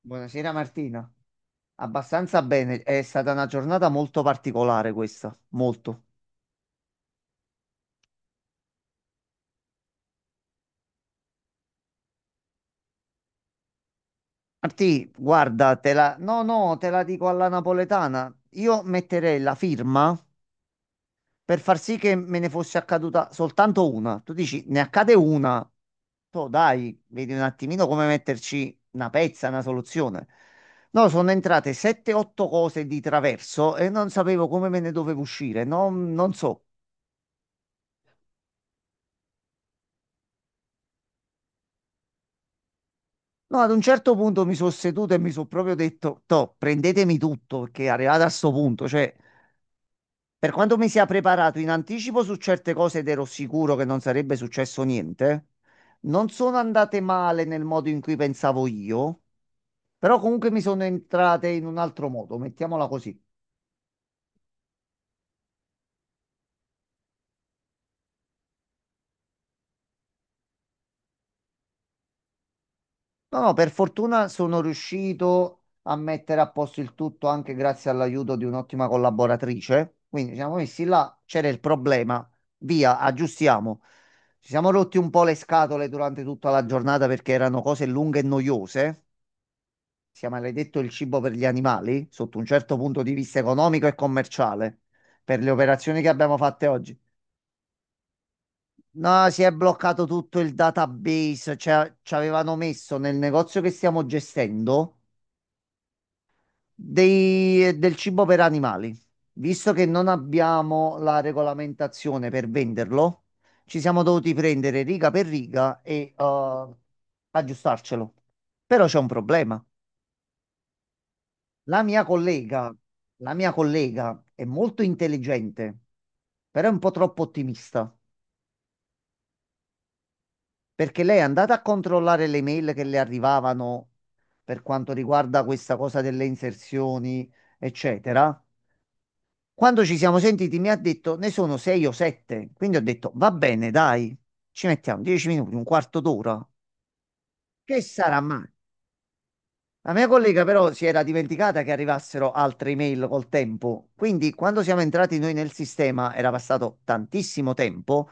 Buonasera Martina, abbastanza bene, è stata una giornata molto particolare questa, molto. Martì, guarda, No, no, te la dico alla napoletana, io metterei la firma per far sì che me ne fosse accaduta soltanto una. Tu dici, ne accade una, tu dai, vedi un attimino come metterci una pezza, una soluzione. No, sono entrate 7-8 cose di traverso e non sapevo come me ne dovevo uscire, non so. No, ad un certo punto mi sono seduto e mi sono proprio detto, toh, prendetemi tutto, perché è arrivato a sto punto, cioè, per quanto mi sia preparato in anticipo su certe cose ed ero sicuro che non sarebbe successo niente, non sono andate male nel modo in cui pensavo io, però comunque mi sono entrate in un altro modo, mettiamola così. No, no, per fortuna sono riuscito a mettere a posto il tutto anche grazie all'aiuto di un'ottima collaboratrice. Quindi ci siamo messi là, c'era il problema, via, aggiustiamo. Ci siamo rotti un po' le scatole durante tutta la giornata perché erano cose lunghe e noiose. Si è maledetto il cibo per gli animali, sotto un certo punto di vista economico e commerciale, per le operazioni che abbiamo fatte oggi. No, si è bloccato tutto il database, cioè ci avevano messo nel negozio che stiamo gestendo del cibo per animali. Visto che non abbiamo la regolamentazione per venderlo, ci siamo dovuti prendere riga per riga e aggiustarcelo. Però c'è un problema. La mia collega, la mia collega è molto intelligente, però è un po' troppo ottimista, perché lei è andata a controllare le mail che le arrivavano per quanto riguarda questa cosa delle inserzioni, eccetera. Quando ci siamo sentiti mi ha detto ne sono sei o sette, quindi ho detto va bene, dai, ci mettiamo 10 minuti, un quarto d'ora, che sarà mai? La mia collega però si era dimenticata che arrivassero altre email col tempo, quindi quando siamo entrati noi nel sistema era passato tantissimo tempo,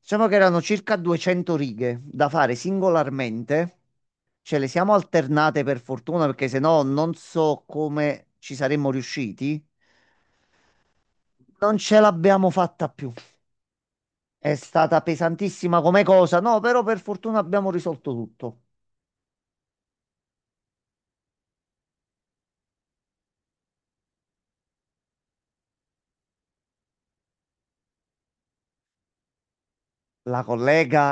diciamo che erano circa 200 righe da fare singolarmente, ce le siamo alternate per fortuna perché sennò non so come ci saremmo riusciti, non ce l'abbiamo fatta più. È stata pesantissima come cosa, no, però per fortuna abbiamo risolto tutto. La collega,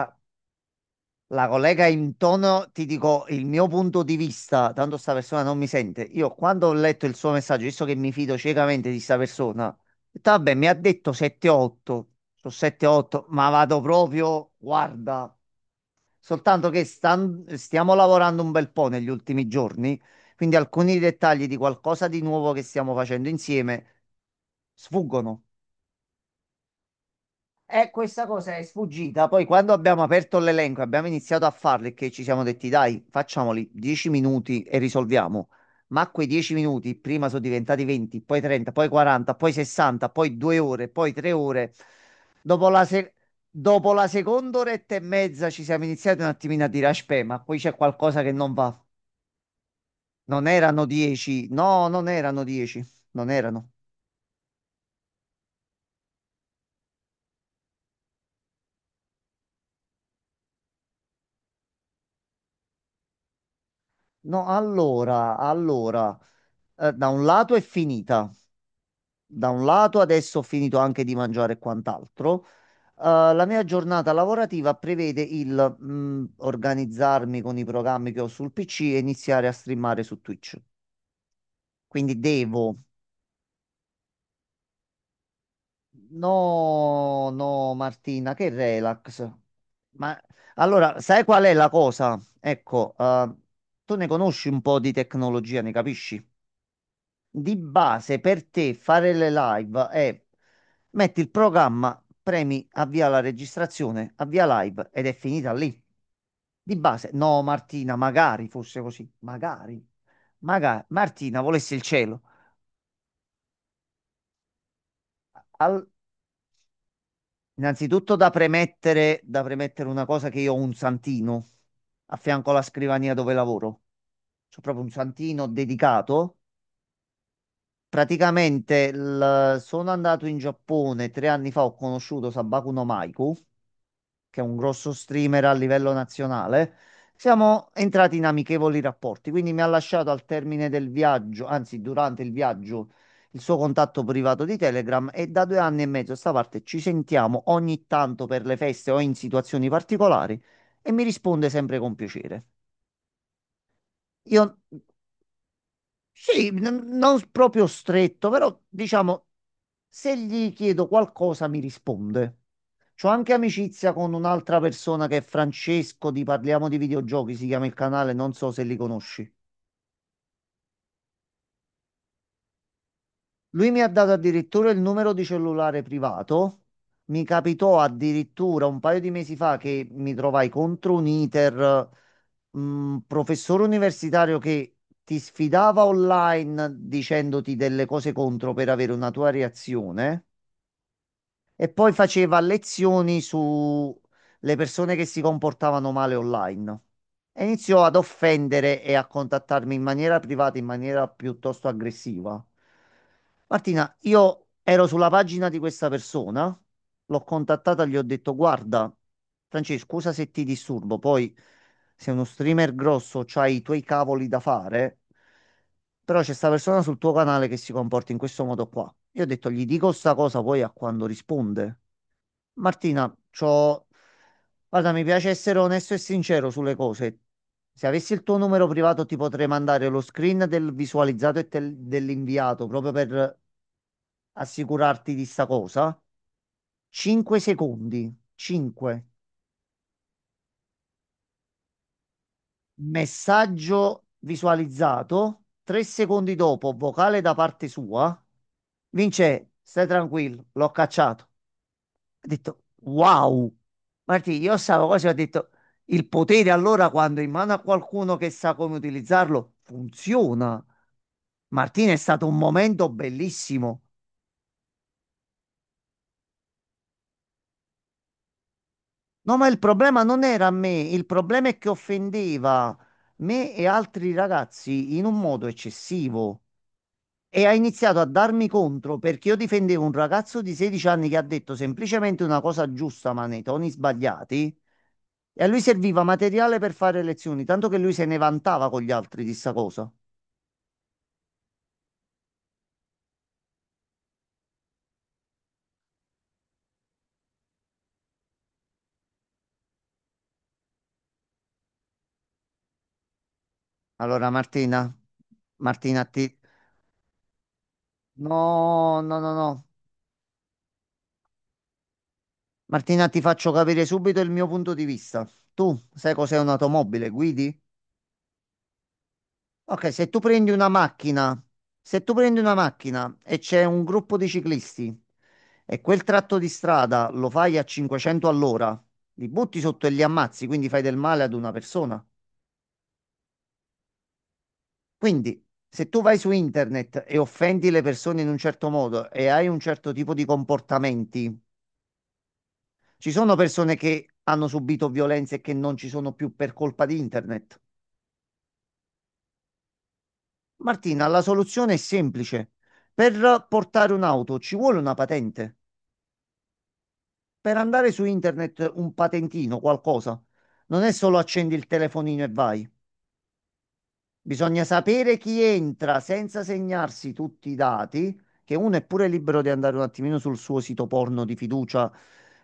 la collega in tono, ti dico il mio punto di vista, tanto sta persona non mi sente. Io quando ho letto il suo messaggio, visto che mi fido ciecamente di sta persona, ho detto, vabbè, mi ha detto 7-8, sono 7-8, ma vado proprio, guarda, soltanto che stiamo lavorando un bel po' negli ultimi giorni, quindi alcuni dettagli di qualcosa di nuovo che stiamo facendo insieme sfuggono. E questa cosa è sfuggita. Poi quando abbiamo aperto l'elenco, e abbiamo iniziato a farli, che ci siamo detti, dai, facciamoli 10 minuti e risolviamo. Ma quei 10 minuti prima sono diventati 20, poi 30, poi 40, poi 60, poi 2 ore, poi 3 ore. Dopo la, se- Dopo la seconda oretta e mezza ci siamo iniziati un attimino a dire, aspetta, ma qui c'è qualcosa che non va. Non erano 10, no, non erano 10, non erano. No, allora, allora, da un lato è finita. Da un lato, adesso ho finito anche di mangiare e quant'altro. Eh, la mia giornata lavorativa prevede il organizzarmi con i programmi che ho sul PC e iniziare a streamare su Twitch. Quindi devo. No, no, Martina, che relax. Ma allora, sai qual è la cosa? Ecco, tu ne conosci un po' di tecnologia, ne capisci? Di base per te fare le live è metti il programma, premi avvia la registrazione, avvia live ed è finita lì. Di base, no Martina, magari fosse così, magari, magari Martina volesse il cielo. Al- Innanzitutto da premettere una cosa che io ho un santino a fianco alla scrivania dove lavoro. C'ho proprio un santino dedicato. Praticamente sono andato in Giappone 3 anni fa, ho conosciuto Sabaku no Maiku che è un grosso streamer a livello nazionale, siamo entrati in amichevoli rapporti. Quindi mi ha lasciato al termine del viaggio, anzi durante il viaggio, il suo contatto privato di Telegram e da 2 anni e mezzo a sta parte ci sentiamo ogni tanto per le feste o in situazioni particolari e mi risponde sempre con piacere. Io sì, non proprio stretto, però diciamo, se gli chiedo qualcosa mi risponde. C'ho anche amicizia con un'altra persona che è Francesco, di Parliamo di videogiochi, si chiama il canale, non so se li conosci. Lui mi ha dato addirittura il numero di cellulare privato. Mi capitò addirittura un paio di mesi fa che mi trovai contro un iter, un professore universitario che ti sfidava online dicendoti delle cose contro per avere una tua reazione. E poi faceva lezioni su le persone che si comportavano male online. E iniziò ad offendere e a contattarmi in maniera privata, in maniera piuttosto aggressiva. Martina, io ero sulla pagina di questa persona, l'ho contattata, gli ho detto: guarda, Francesco, scusa se ti disturbo, poi sei uno streamer grosso, c'hai i tuoi cavoli da fare, però c'è sta persona sul tuo canale che si comporta in questo modo qua. Io ho detto, gli dico sta cosa poi a quando risponde. Martina, guarda, mi piace essere onesto e sincero sulle cose. Se avessi il tuo numero privato ti potrei mandare lo screen del visualizzato e dell'inviato proprio per assicurarti di sta cosa. 5 secondi. 5. Messaggio visualizzato. 3 secondi dopo, vocale da parte sua. Vince, stai tranquillo, l'ho cacciato. Ho detto, wow. Martì, io stavo così, ho detto, il potere allora quando è in mano a qualcuno che sa come utilizzarlo, funziona. Martino, è stato un momento bellissimo. No, ma il problema non era me, il problema è che offendeva me e altri ragazzi in un modo eccessivo. E ha iniziato a darmi contro perché io difendevo un ragazzo di 16 anni che ha detto semplicemente una cosa giusta, ma nei toni sbagliati. E a lui serviva materiale per fare lezioni, tanto che lui se ne vantava con gli altri di sta cosa. Allora, Martina. No, no, no, no. Martina, ti faccio capire subito il mio punto di vista. Tu sai cos'è un'automobile? Guidi? Ok, se tu prendi una macchina, se tu prendi una macchina e c'è un gruppo di ciclisti e quel tratto di strada lo fai a 500 all'ora, li butti sotto e li ammazzi, quindi fai del male ad una persona. Quindi, se tu vai su internet e offendi le persone in un certo modo e hai un certo tipo di comportamenti, ci sono persone che hanno subito violenze e che non ci sono più per colpa di internet. Martina, la soluzione è semplice. Per portare un'auto ci vuole una patente. Per andare su internet un patentino, qualcosa, non è solo accendi il telefonino e vai. Bisogna sapere chi entra senza segnarsi tutti i dati, che uno è pure libero di andare un attimino sul suo sito porno di fiducia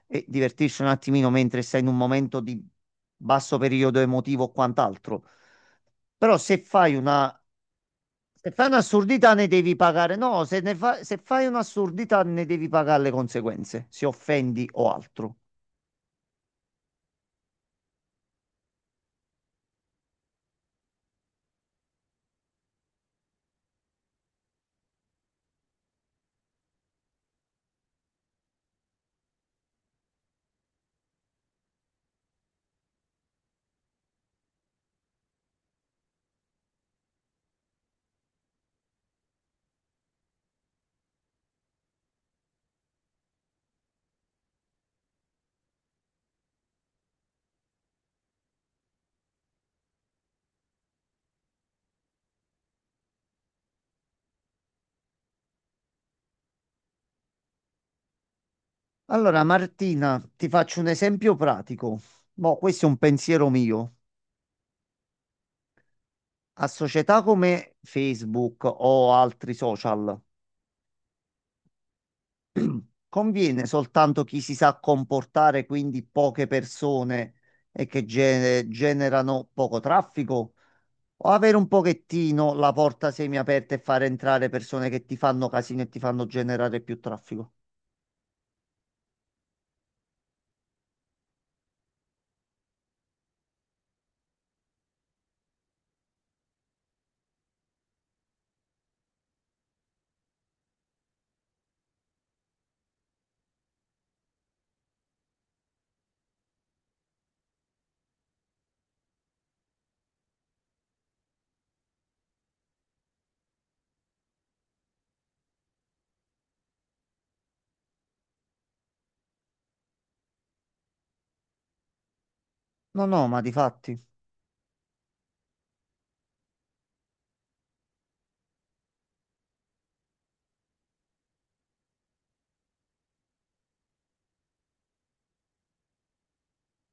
e divertirsi un attimino mentre sei in un momento di basso periodo emotivo o quant'altro. Però se fai un'assurdità ne devi pagare. No, se fai un'assurdità ne devi pagare le conseguenze, se offendi o altro. Allora, Martina, ti faccio un esempio pratico. Boh, questo è un pensiero mio. A società come Facebook o altri social, conviene soltanto chi si sa comportare, quindi poche persone e che generano poco traffico, o avere un pochettino la porta semiaperta e far entrare persone che ti fanno casino e ti fanno generare più traffico? No, no, ma di fatti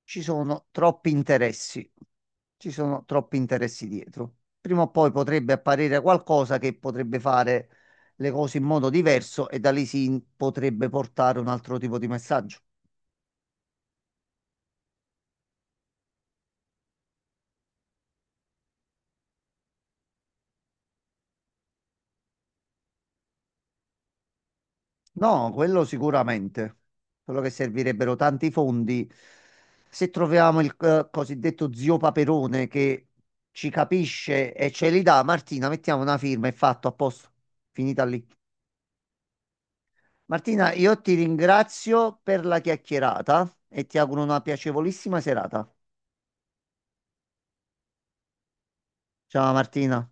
ci sono troppi interessi. Ci sono troppi interessi dietro. Prima o poi potrebbe apparire qualcosa che potrebbe fare le cose in modo diverso e da lì potrebbe portare un altro tipo di messaggio. No, quello sicuramente. Quello che servirebbero tanti fondi. Se troviamo il cosiddetto zio Paperone che ci capisce e ce li dà, Martina, mettiamo una firma e fatto a posto. Finita lì. Martina, io ti ringrazio per la chiacchierata e ti auguro una piacevolissima serata. Ciao Martina.